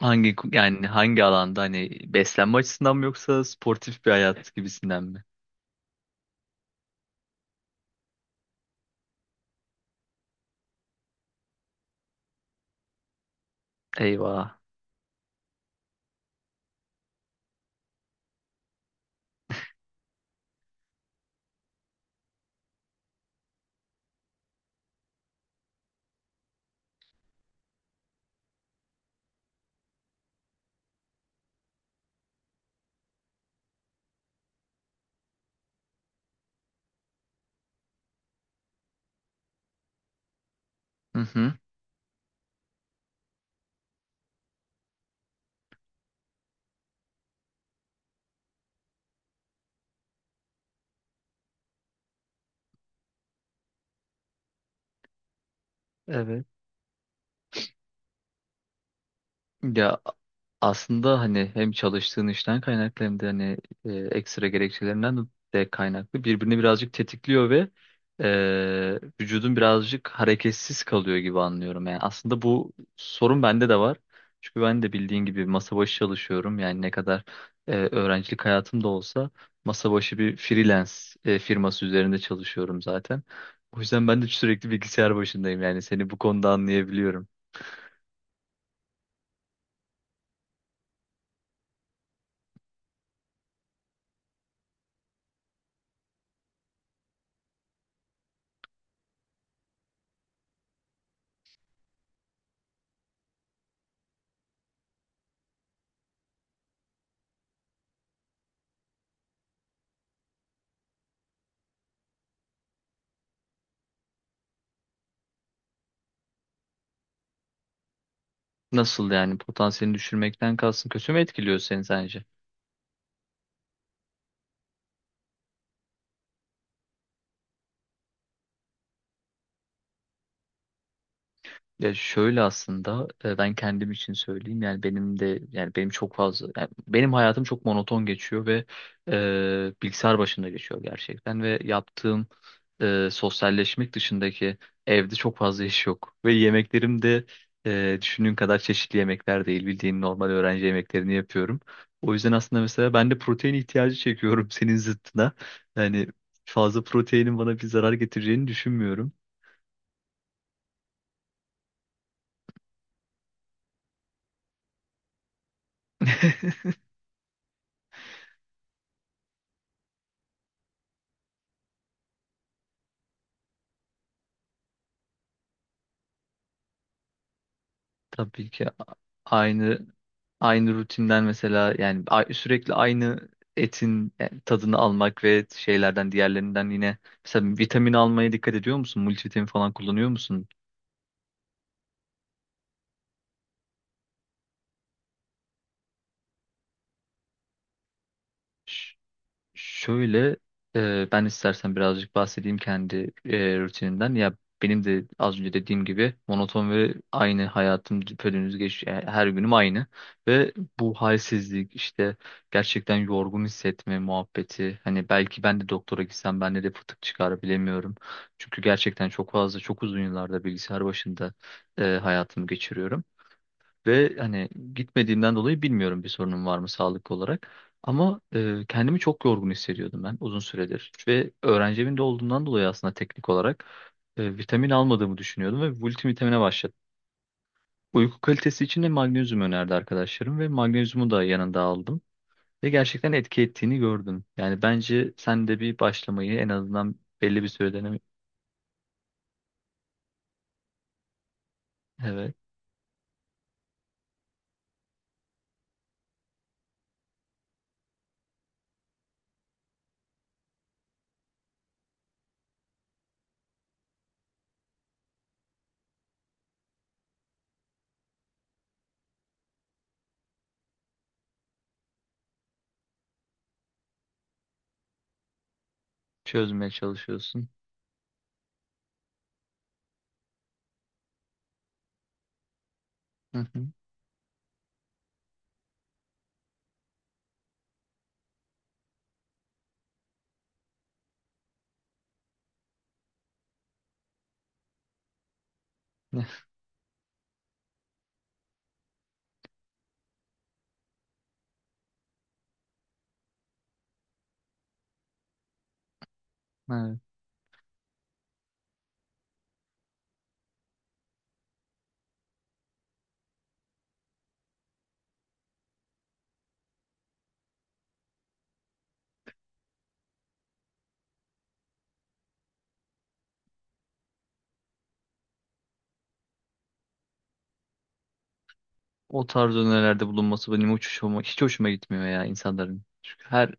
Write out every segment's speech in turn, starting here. Hangi alanda hani beslenme açısından mı yoksa sportif bir hayat gibisinden mi? Eyvah. Hı hı. Evet. Ya, aslında hani hem çalıştığın işten kaynaklı hem de hani ekstra gerekçelerinden de kaynaklı birbirini birazcık tetikliyor ve vücudun birazcık hareketsiz kalıyor gibi anlıyorum. Yani aslında bu sorun bende de var. Çünkü ben de bildiğin gibi masa başı çalışıyorum. Yani ne kadar öğrencilik hayatım da olsa masa başı bir freelance firması üzerinde çalışıyorum zaten. O yüzden ben de sürekli bilgisayar başındayım. Yani seni bu konuda anlayabiliyorum. Nasıl yani potansiyelini düşürmekten kalsın kötü mü etkiliyor seni sence? Ya şöyle aslında ben kendim için söyleyeyim yani benim de yani benim çok fazla yani benim hayatım çok monoton geçiyor ve bilgisayar başında geçiyor gerçekten ve yaptığım sosyalleşmek dışındaki evde çok fazla iş yok ve yemeklerim de düşündüğün kadar çeşitli yemekler değil bildiğin normal öğrenci yemeklerini yapıyorum. O yüzden aslında mesela ben de protein ihtiyacı çekiyorum senin zıttına yani fazla proteinin bana bir zarar getireceğini düşünmüyorum. Tabii ki aynı aynı rutinden mesela yani sürekli aynı etin tadını almak ve şeylerden diğerlerinden yine mesela vitamin almaya dikkat ediyor musun? Multivitamin falan kullanıyor musun? Şöyle, ben istersen birazcık bahsedeyim kendi rutinimden. Ya benim de az önce dediğim gibi monoton ve aynı hayatım düpedüz her günüm aynı ve bu halsizlik işte gerçekten yorgun hissetme muhabbeti. Hani belki ben de doktora gitsem bende de fıtık çıkar bilemiyorum. Çünkü gerçekten çok fazla çok uzun yıllarda bilgisayar başında hayatımı geçiriyorum. Ve hani gitmediğimden dolayı bilmiyorum bir sorunum var mı sağlık olarak. Ama kendimi çok yorgun hissediyordum ben uzun süredir. Ve öğrenci evinde olduğumdan dolayı aslında teknik olarak vitamin almadığımı düşünüyordum ve multivitamine başladım. Uyku kalitesi için de magnezyum önerdi arkadaşlarım ve magnezyumu da yanında aldım. Ve gerçekten etki ettiğini gördüm. Yani bence sen de bir başlamayı en azından belli bir süreden evet çözmeye çalışıyorsun. Hı hı. Evet. O tarz önerilerde bulunması benim hiç hoşuma, hiç hoşuma gitmiyor ya insanların. Çünkü her.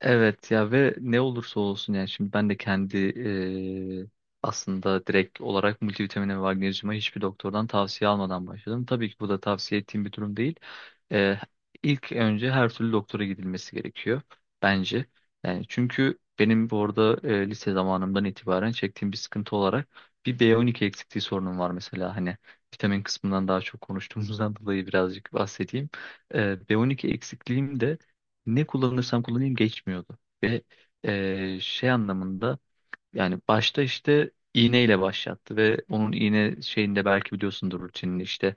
Evet, ya ve ne olursa olsun yani şimdi ben de kendi aslında direkt olarak multivitamine ve magnezyuma hiçbir doktordan tavsiye almadan başladım. Tabii ki bu da tavsiye ettiğim bir durum değil. Eee ilk önce her türlü doktora gidilmesi gerekiyor bence. Yani çünkü benim bu arada lise zamanımdan itibaren çektiğim bir sıkıntı olarak bir B12 eksikliği sorunum var mesela hani vitamin kısmından daha çok konuştuğumuzdan dolayı birazcık bahsedeyim. Eee, B12 eksikliğim de ne kullanırsam kullanayım geçmiyordu. Ve şey anlamında yani başta işte iğneyle başlattı ve onun iğne şeyinde belki biliyorsundur rutinini işte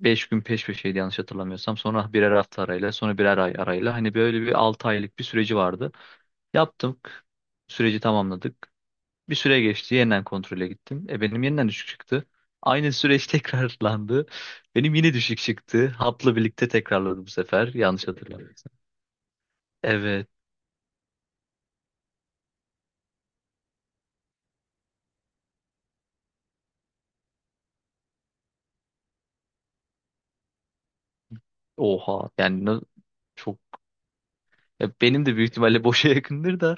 5 gün peş peşeydi yanlış hatırlamıyorsam sonra birer hafta arayla sonra birer ay arayla hani böyle bir 6 aylık bir süreci vardı. Yaptık süreci tamamladık bir süre geçti yeniden kontrole gittim benim yeniden düşük çıktı. Aynı süreç tekrarlandı. Benim yine düşük çıktı. Hapla birlikte tekrarladı bu sefer. Yanlış hatırlamıyorsam. Evet. Oha yani çok ya benim de büyük ihtimalle boşa yakındır da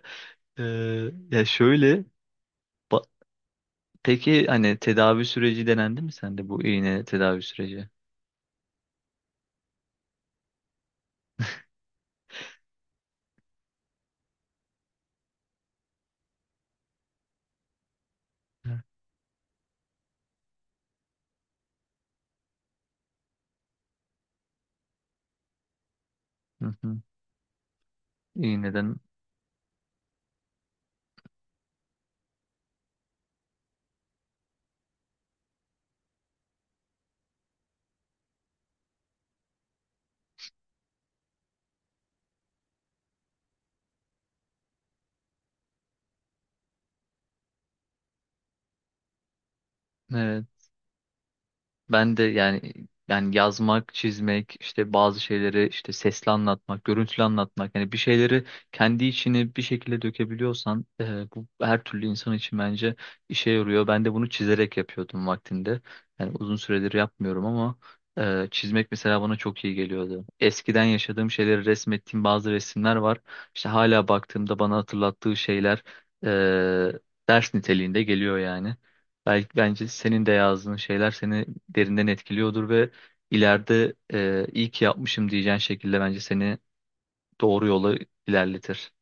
ya şöyle ba- peki hani tedavi süreci denendi mi sende bu iğne tedavi süreci? Hı hı. Hı. İğneden evet. Ben de yani yazmak, çizmek, işte bazı şeyleri işte sesli anlatmak, görüntülü anlatmak yani bir şeyleri kendi içine bir şekilde dökebiliyorsan bu her türlü insan için bence işe yarıyor. Ben de bunu çizerek yapıyordum vaktinde. Yani uzun süredir yapmıyorum ama çizmek mesela bana çok iyi geliyordu. Eskiden yaşadığım şeyleri resmettiğim bazı resimler var. İşte hala baktığımda bana hatırlattığı şeyler e, ders niteliğinde geliyor yani. Belki bence senin de yazdığın şeyler seni derinden etkiliyordur ve ileride iyi ki yapmışım diyeceğin şekilde bence seni doğru yola ilerletir.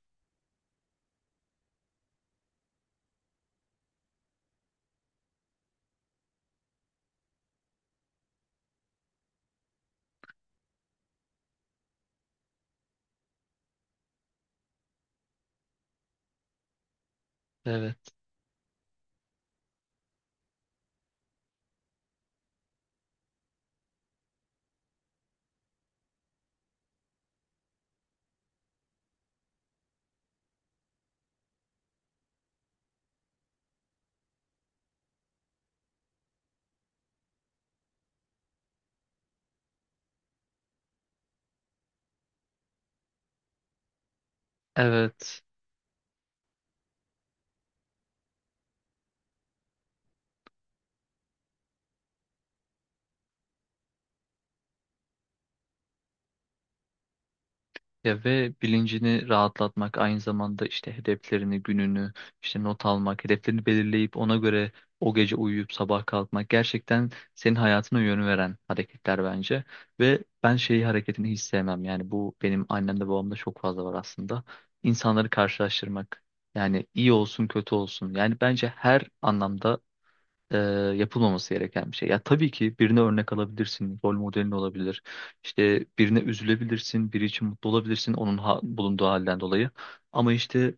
Evet. Evet. Ya ve bilincini rahatlatmak aynı zamanda işte hedeflerini, gününü, işte not almak, hedeflerini belirleyip ona göre o gece uyuyup sabah kalkmak gerçekten senin hayatına yön veren hareketler bence. Ve ben şeyi hareketini hiç sevmem. Yani bu benim annemde babamda çok fazla var aslında. İnsanları karşılaştırmak. Yani iyi olsun kötü olsun. Yani bence her anlamda e, yapılmaması gereken bir şey. Ya tabii ki birine örnek alabilirsin, rol modelin olabilir. İşte birine üzülebilirsin, biri için mutlu olabilirsin onun bulunduğu halden dolayı. Ama işte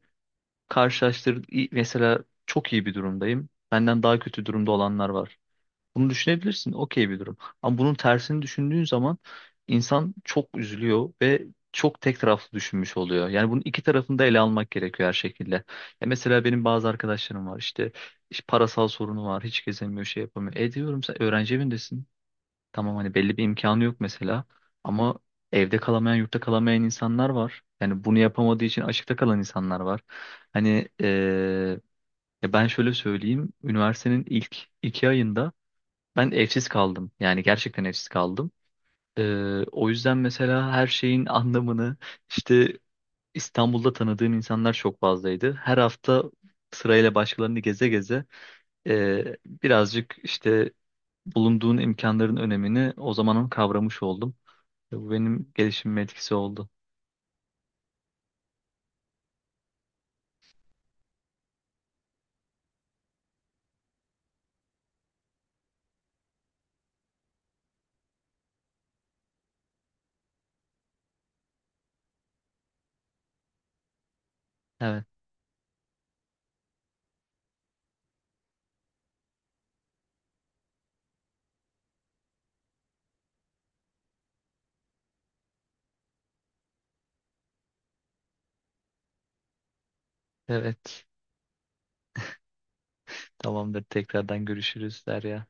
mesela çok iyi bir durumdayım. Benden daha kötü durumda olanlar var. Bunu düşünebilirsin. Okey bir durum. Ama bunun tersini düşündüğün zaman insan çok üzülüyor ve çok tek taraflı düşünmüş oluyor. Yani bunun iki tarafını da ele almak gerekiyor her şekilde. Ya mesela benim bazı arkadaşlarım var işte, işte parasal sorunu var. Hiç gezemiyor, şey yapamıyor. E diyorum sen öğrenci evindesin. Tamam hani belli bir imkanı yok mesela. Ama evde kalamayan, yurtta kalamayan insanlar var. Yani bunu yapamadığı için açıkta kalan insanlar var. Hani ya ben şöyle söyleyeyim. Üniversitenin ilk 2 ayında ben evsiz kaldım. Yani gerçekten evsiz kaldım. O yüzden mesela her şeyin anlamını işte İstanbul'da tanıdığım insanlar çok fazlaydı. Her hafta sırayla başkalarını geze geze birazcık işte bulunduğun imkanların önemini o zamanın kavramış oldum. Ve bu benim gelişimime etkisi oldu. Evet, evet. Tamamdır. Tekrardan görüşürüz Derya.